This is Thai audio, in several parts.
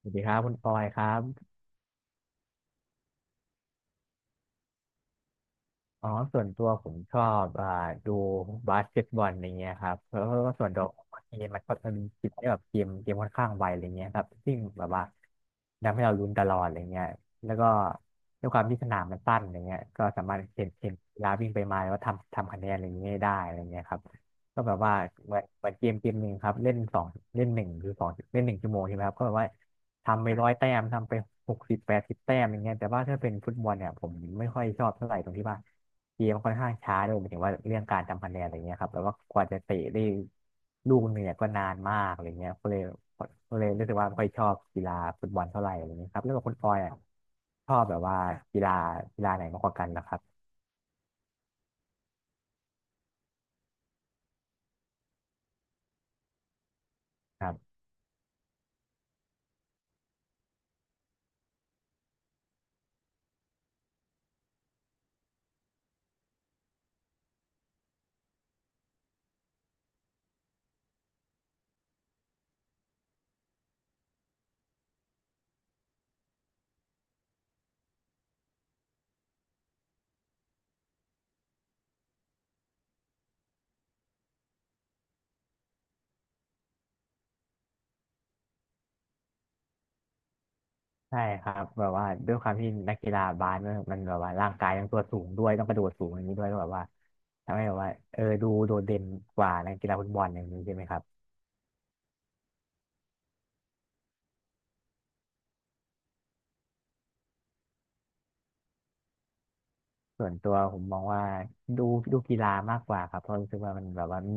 สวัสดีครับคุณปอยครับ อ๋อส่วนตัวผมชอบดูบาสเกตบอลอะไรเงี้ยครับเพราะว่าส่วนตัวเกมมันก็มันมีจิตที่แบบเกมค่อนข้างไวอะไรเงี้ยครับซึ่งแบบว่าทำให้เราลุ้นตลอดอะไรเงี้ยแล้วก็ด้วยความที่สนามมันสั้นอะไรเงี้ยก็สามารถเห็นกีฬาวิ่งไปมาแล้วก็ทำคะแนนอะไรเงี้ยได้อะไรเงี้ยครับก็แบบว่าเหมือนเกมหนึ่งครับเล่นหนึ่งหรือสองเล่นหนึ่งชั่วโมงใช่ไหมครับก็แบบว่าทำไป100 แต้มทำไป60 80 แต้มอย่างเงี้ยแต่ว่าถ้าเป็นฟุตบอลเนี่ยผมไม่ค่อยชอบเท่าไหร่ตรงที่ว่า เกมค่อนข้างช้าด้วยหมายถึงว่าเรื่องการทำคะแนนอะไรเงี้ยครับแบบว่ากว่าจะเตะได้ลูกหนึ่งเนี่ยก็นานมากอะไรเงี้ยก็เลยรู้สึกว่าไม่ค่อยชอบกีฬาฟุตบอลเท่าไหร่อะไรเงี้ยครับแล้วแบบคุณปอยอ่ะชอบแบบว่ากีฬากีฬาไหนมากกว่ากันนะครับครับใช่ครับแบบว่าด้วยความที่นักกีฬาบาสมันมันแบบว่าร่างกายต้องตัวสูงด้วยต้องกระโดดสูงอย่างนี้ด้วยก็แบบว่าทำให้แบบว่าเออดูโดดเด่นกว่านักกีฬาฟุตบอลอย่างนี้ใช่ไหมครับ ส่วนตัวผมมองว่าดูดูกีฬามากกว่าครับเพราะรู้สึกว่ามันแบบว่ามี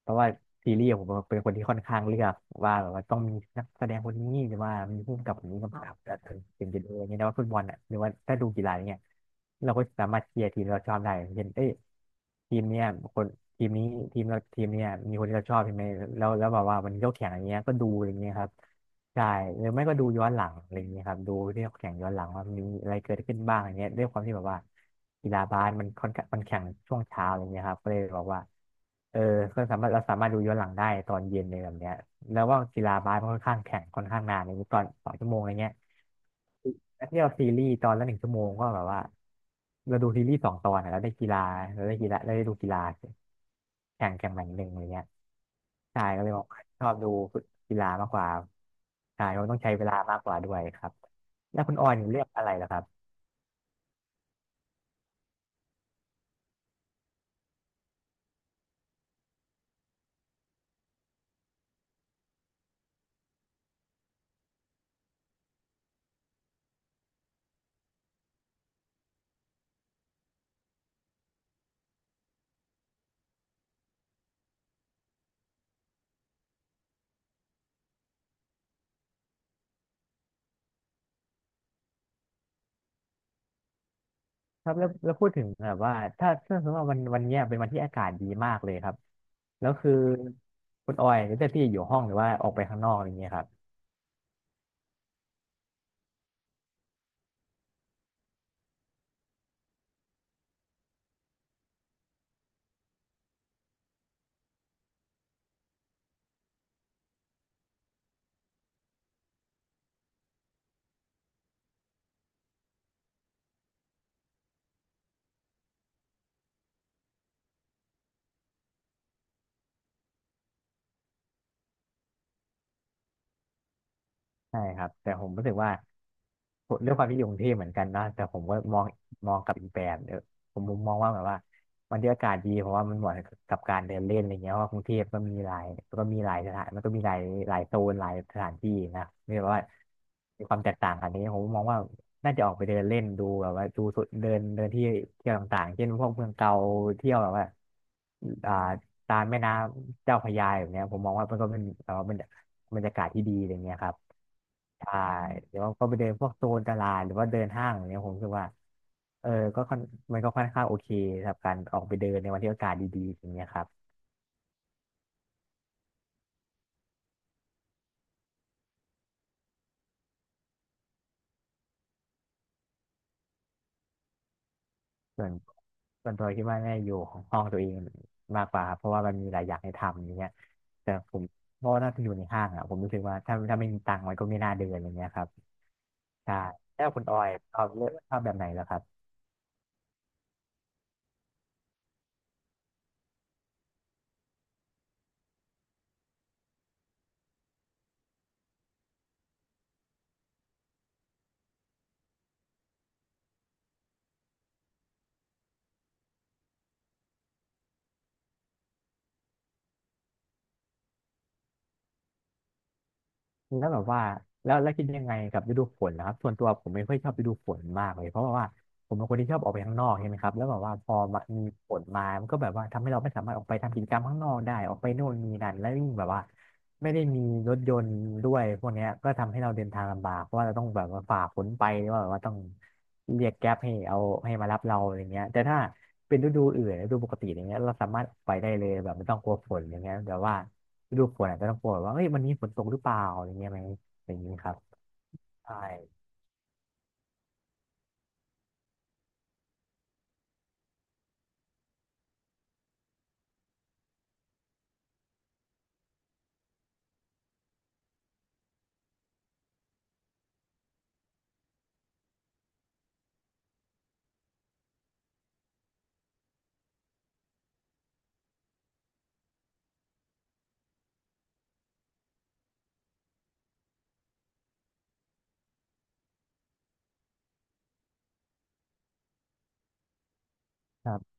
เพราะว่าซีรีส์ผมเป็นคนที่ค่อนข้างเลือกว่าแบบว่าต้องมีนักแสดงคนนี้หรือว่ามีผู้กำกับคนนี้กำกับแล้วถึงจะดูอย่างเงี้ยนะว่าฟุตบอลอ่ะหรือว่าถ้าดูกีฬาอย่างเงี้ยเราก็สามารถเชียร์ทีมเราชอบได้อย่างเช่นเอ้ย ทีมเนี้ยคนทีมนี้ทีมเราทีมเนี้ยมีคนที่เราชอบใช่ไหมแล้วแบบว่ามันยกแข่งอย่างเงี้ยก็ดูอย่างเงี้ยครับใช่หรือไม่ก็ดูย้อนหลังอะไรอย่างเงี้ยครับดูที่เขาแข่งย้อนหลังว่ามีอะไรเกิดขึ้นบ้างอย่างเงี้ยด้วยความที่แบบว่ากีฬาบาสมันค่อนข้างมันแข่งช่วงเช้าอย่างเงี้ยครับก็เลยบอกว่าเออก็สามารถเราสามารถดูย้อนหลังได้ตอนเย็นเลยแบบเนี้ยแล้วว่ากีฬาบาสมันค่อนข้างแข่งค่อนข้างนานอย่างนี้ตอน2 ชั่วโมงอะไรเงี้ย แล้วที่เราซีรีส์ตอนละหนึ่งชั่วโมงก็แบบว่าเราดูซีรีส์2 ตอนอะแล้วได้กีฬาเราได้กีฬาเราได้ดูกีฬาแข่งแข่งหนึ่งอะไรเงี้ยใช่ก็เลยบอกชอบดูกีฬามากกว่าใช่เพราะมันต้องใช้เวลามากกว่าด้วยครับแล้วคุณออยเลือกอะไรล่ะครับครับแล้วพูดถึงแบบว่าถ้าสมมติว่าวันเนี้ยเป็นวันที่อากาศดีมากเลยครับแล้วคือคุณออยจะเลือกที่จะอยู่ห้องหรือว่าออกไปข้างนอกอะไรเงี้ยครับ ใช่ครับแต่ผมรู้สึกว่าเรื้องความที่อยู่กรุงเทพเหมือนกันนะแต่ผมก็มองกลับอีกแบบเออผมมุมมองว่าแบบว่าวันที่อากาศดีเพราะว่ามันเหมาะกับการเดินเล่นอะไรเงี้ยเพราะว่ากรุงเทพก็มีหลายสถานมันก็มีหลายโซนหลายสถานที่นะไม่แบบว่ามีความแตกต่างกันนี้ผมมองว่าน่าจะออกไปเดินเล่นดูแบบว่าดูสุดเดินเดินที่เที่ยวต่างๆเช่นพวกเมืองเก่าเที่ยวแบบว่าอ่าตามแม่น้ำเจ้าพระยาแบบเนี้ยผมมองว่ามันก็เป็นแบบว่าเป็นบรรยากาศที่ดีอะไรเงี้ยครับ ใช่หรือว่าก็ไปเดินพวกโซนตลาดหรือว่าเดินห้างอย่างเนี้ยผมรู้สึกว่าเออก็ค่อนมันก็ค่อนข้างโอเคสำหรับการออกไปเดินในวันที่อากาศดีๆอย่างเงี้ยครับส่วนส่วนตัวคิดว่าน่าจะอยู่ของห้องตัวเองมากกว่าครับเพราะว่ามันมีหลายอย่างให้ทำอย่างเงี้ยแต่ผมเพราะว่าน่าจะอยู่ในห้างอ่ะผมรู้สึกว่าถ้าไม่มีตังค์มันก็ไม่น่าเดินอย่างเงี้ยครับใช่แล้วคุณออยชอบเลือกชอบแบบไหนแล้วครับ แล้วแบบว่าแล้วแล้วคิดยังไงกับฤดูฝนนะครับส่วนตัวผมไม่ค่อยชอบฤดูฝนมากเลยเพราะว่าผมเป็นคนที่ชอบออกไปข้างนอกใช่ไหมครับแล้วแบบว่าพอมามีฝนมามันก็แบบว่าทำให้เราไม่สามารถออกไปทำกิจกรรมข้างนอกได้ออกไปโน่นนี่นั่นแล้วยิ่งแบบว่าไม่ได้มีรถยนต์ด้วยพวกเนี้ยก็ทำให้เราเดินทางลำบากเพราะว่าเราต้องแบบว่าฝ่าฝนไปหรือว่าแบบว่าต้องเรียกแก๊ปให้เอาให้มารับเราอะไรเงี้ยแต่ถ้าเป็นฤดูอื่นฤดูปกติอย่างเงี้ยเราสามารถออกไปได้เลยแบบไม่ต้องกลัวฝนอย่างเงี้ยแต่ว่า ฤดูฝนอาจจะต้องกลัวว่าเอ้ยวันนี้ฝนตกหรือเปล่าอะไรเงี้ยไหมอะไรอย่างนี้ครับใช่ครับ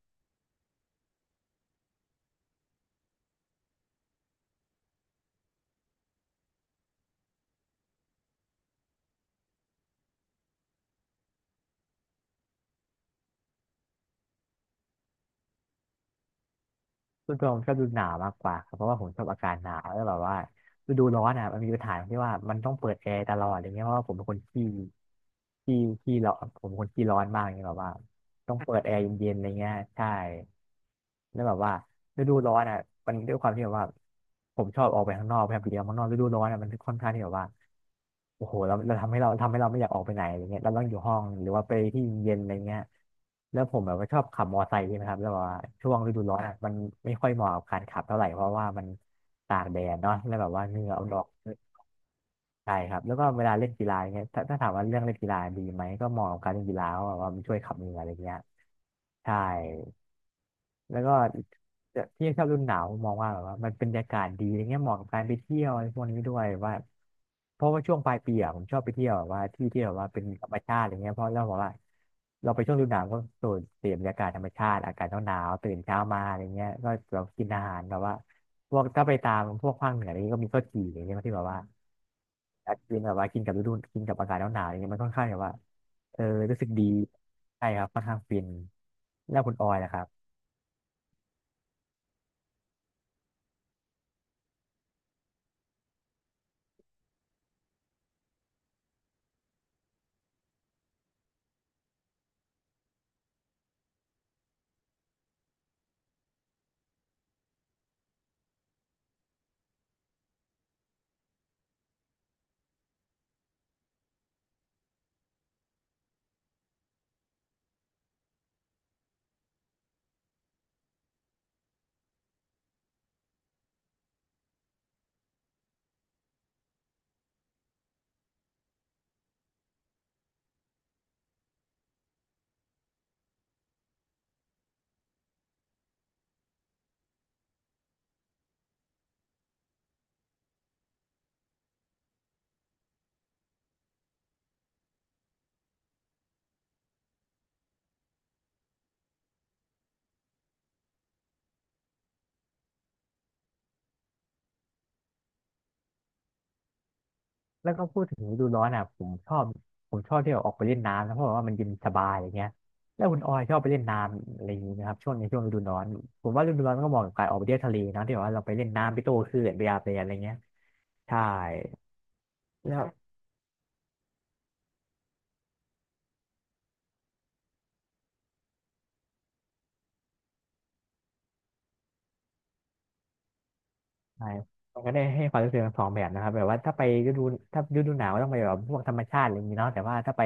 ส่วนตัวผมชอบฤดูหนาวมากกว่าครับเพราะว่าผมชอบอากาศหนาวแล้วแบบว่าฤดูร้อนอ่ะมันมีปัญหาที่ว่ามันต้องเปิดแอร์ตลอดอะไรเงี้ยเพราะว่าผมเป็นคนขี้ขี้ร้อนผมเป็นคนขี้ร้อนมากอย่างเงี้ยแบบว่า ต้องเปิดแอร์เย็นๆอะไรเงี้ยใช่แล้วแบบว่าฤดูร้อนอ่ะมันด้วยความที่แบบว่าผมชอบออกไปข้างนอกแบบเดียวข้างนอกฤดูร้อนอ่ะมันค่อนข้างที่แบบว่าโอ้โหเราทำให้เราไม่อยากออกไปไหนอะไรเงี้ยเราต้องอยู่ห้องหรือว่าไปที่เย็นอะไรเงี้ยแล้วผมแบบว่าชอบขับมอไซค์ใช่ไหมครับแล้วแบบว่าช่วงฤดูร้อนอ่ะมันไม่ค่อยเหมาะกับการขับเท่าไหร่เพราะว่ามันตากแดดเนาะแล้วแบบว่าเหงื่อมันออก ใช่ครับแล้วก็เวลาเล่นกีฬายเนี่ยถ้าถามว่าเรื่องเล่นกีฬาดีไหมก็เหมาะกับการเล่นกีฬาเพราะว่ามันช่วยขับเหงื่ออะไรเงี้ยใช่แล้วก็ แต่พี่ชอบฤดูหนาวมองว่าแบบว่ามันเป็นบรรยากาศดีอะไรเงี้ยเหมาะกับการไปเที่ยวอะไรพวกนี้ด้วยว่าเพราะว่าช่วงปลายปีอะผมชอบไปเที่ยวแบบว่าที่ที่แบบว่าเป็นธรรมชาติอะไรเงี้ยเพราะเราบอกว่าเราไปช่วงฤดูหนาวก็สูดเสพบรรยากาศธรรมชาติอากาศหนาวๆตื่นเช้ามาอะไรเงี้ยก็เรากินอาหารแบบว่าพวกถ้าไปตามพวกภาคเหนืออะไรเงี้ยก็มีข้าวจี่อะไรเงี้ยที่แบบว่าอาจจะกินแบบว่ากินกับฤดูกินกับอากาศหนาวๆอะไรเงี้ยมันค่อนข้างแบบว่าเออรู้สึกดีใช่ครับค่อนข้างฟินแล้วคุณออยล่ะครับ แล้วก็พูดถึงฤดูร้อนอ่ะผมชอบที่แบบออกไปเล่นน้ำนะเพราะว่ามันเย็นสบายอย่างเงี้ยแล้วคุณออยชอบไปเล่นน้ำอะไรอย่างงี้นะครับช่วงในช่วงฤดูร้อนผมว่าฤดูร้อนก็เหมาะกับการออกไปเที่ยวทะเลนะที่แบบว่าเราไปเล่นน้ำไปโต้คลื่นไปอาบแดดอะไรเงี้ยใช่แล้วใช่มันก็ได้ให้ความรู้สึกทั้งสองแบบนะครับแบบว่าถ้าฤดูหนาวก็ต้องไปแบบพวกธรรมชาติอะไรอย่างนี้เนาะแต่ว่าถ้าไป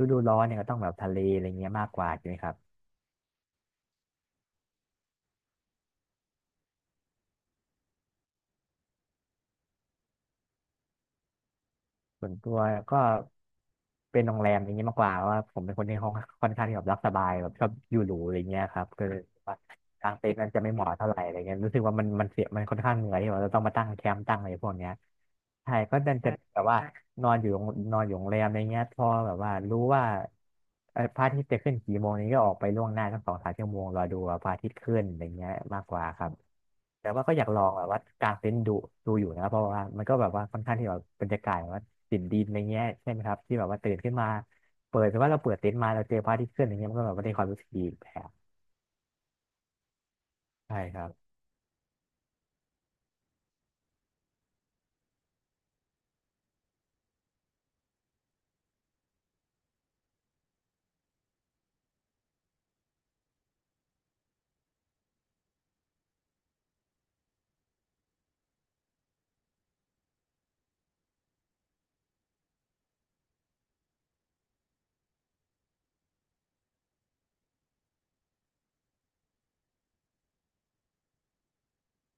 ฤดูร้อนเนี่ยก็ต้องแบบทะเลอะไรเงี้ยมากกว่าใช่ไหมครับ ส่วนตัวก็เป็นโรงแรมอย่างนี้มากกว่าเพราะว่าผมเป็นคนที่ห้องค่อนข้างที่แบบรักสบายแบบชอบอยู่หรูอะไรเงี้ยครับก็เลยว่ากางเต็นท์นั้นจะไม่เหมาะเท่าไหร่อะไรเงี้ยรู้สึกว่ามันเสียมันค่อนข้างเหนื่อยที่ว่าเราต้องมาตั้งแคมป์ตั้งอะไรพวกเนี้ยใช่ก็ดันจะแบบว่านอนอยู่โรงนอนอยู่โรงแรมอะไรเงี้ยพอแบบว่ารู้ว่าพระอาทิตย์จะขึ้นกี่โมงนี้ก็ออกไปล่วงหน้าสักสองสามชั่วโมงรอดูว่าพระอาทิตย์ขึ้นอะไรเงี้ยมากกว่าครับ แต่ว่าก็อยากลองแบบว่าการเต็นดูดูอยู่นะเพราะว่ามันก็แบบว่าค่อนข้างที่แบบบรรยากาศแบบว่าตินดินอะไรเงี้ยใช่ไหมครับที่แบบว่าตื่นขึ้นมาเปิดแต่ว่าเราเปิดเต็นท์มาเราเจอพระอาทิตย์ขึ้นอย่างเงี้ยมันก็แบบว่าได้ความรู้สึกดีอีกแบบใช่ครับ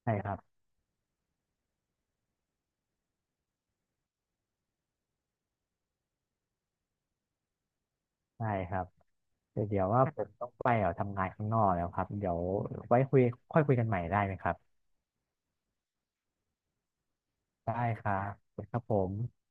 ใช่ครับใช่ครับแต่เดี๋ยวว่าผมต้องไปทำงานข้างนอกแล้วครับเดี๋ยวไว้คุยค่อยคุยกันใหม่ได้ไหมครับได้ครับขอบคุณครับผม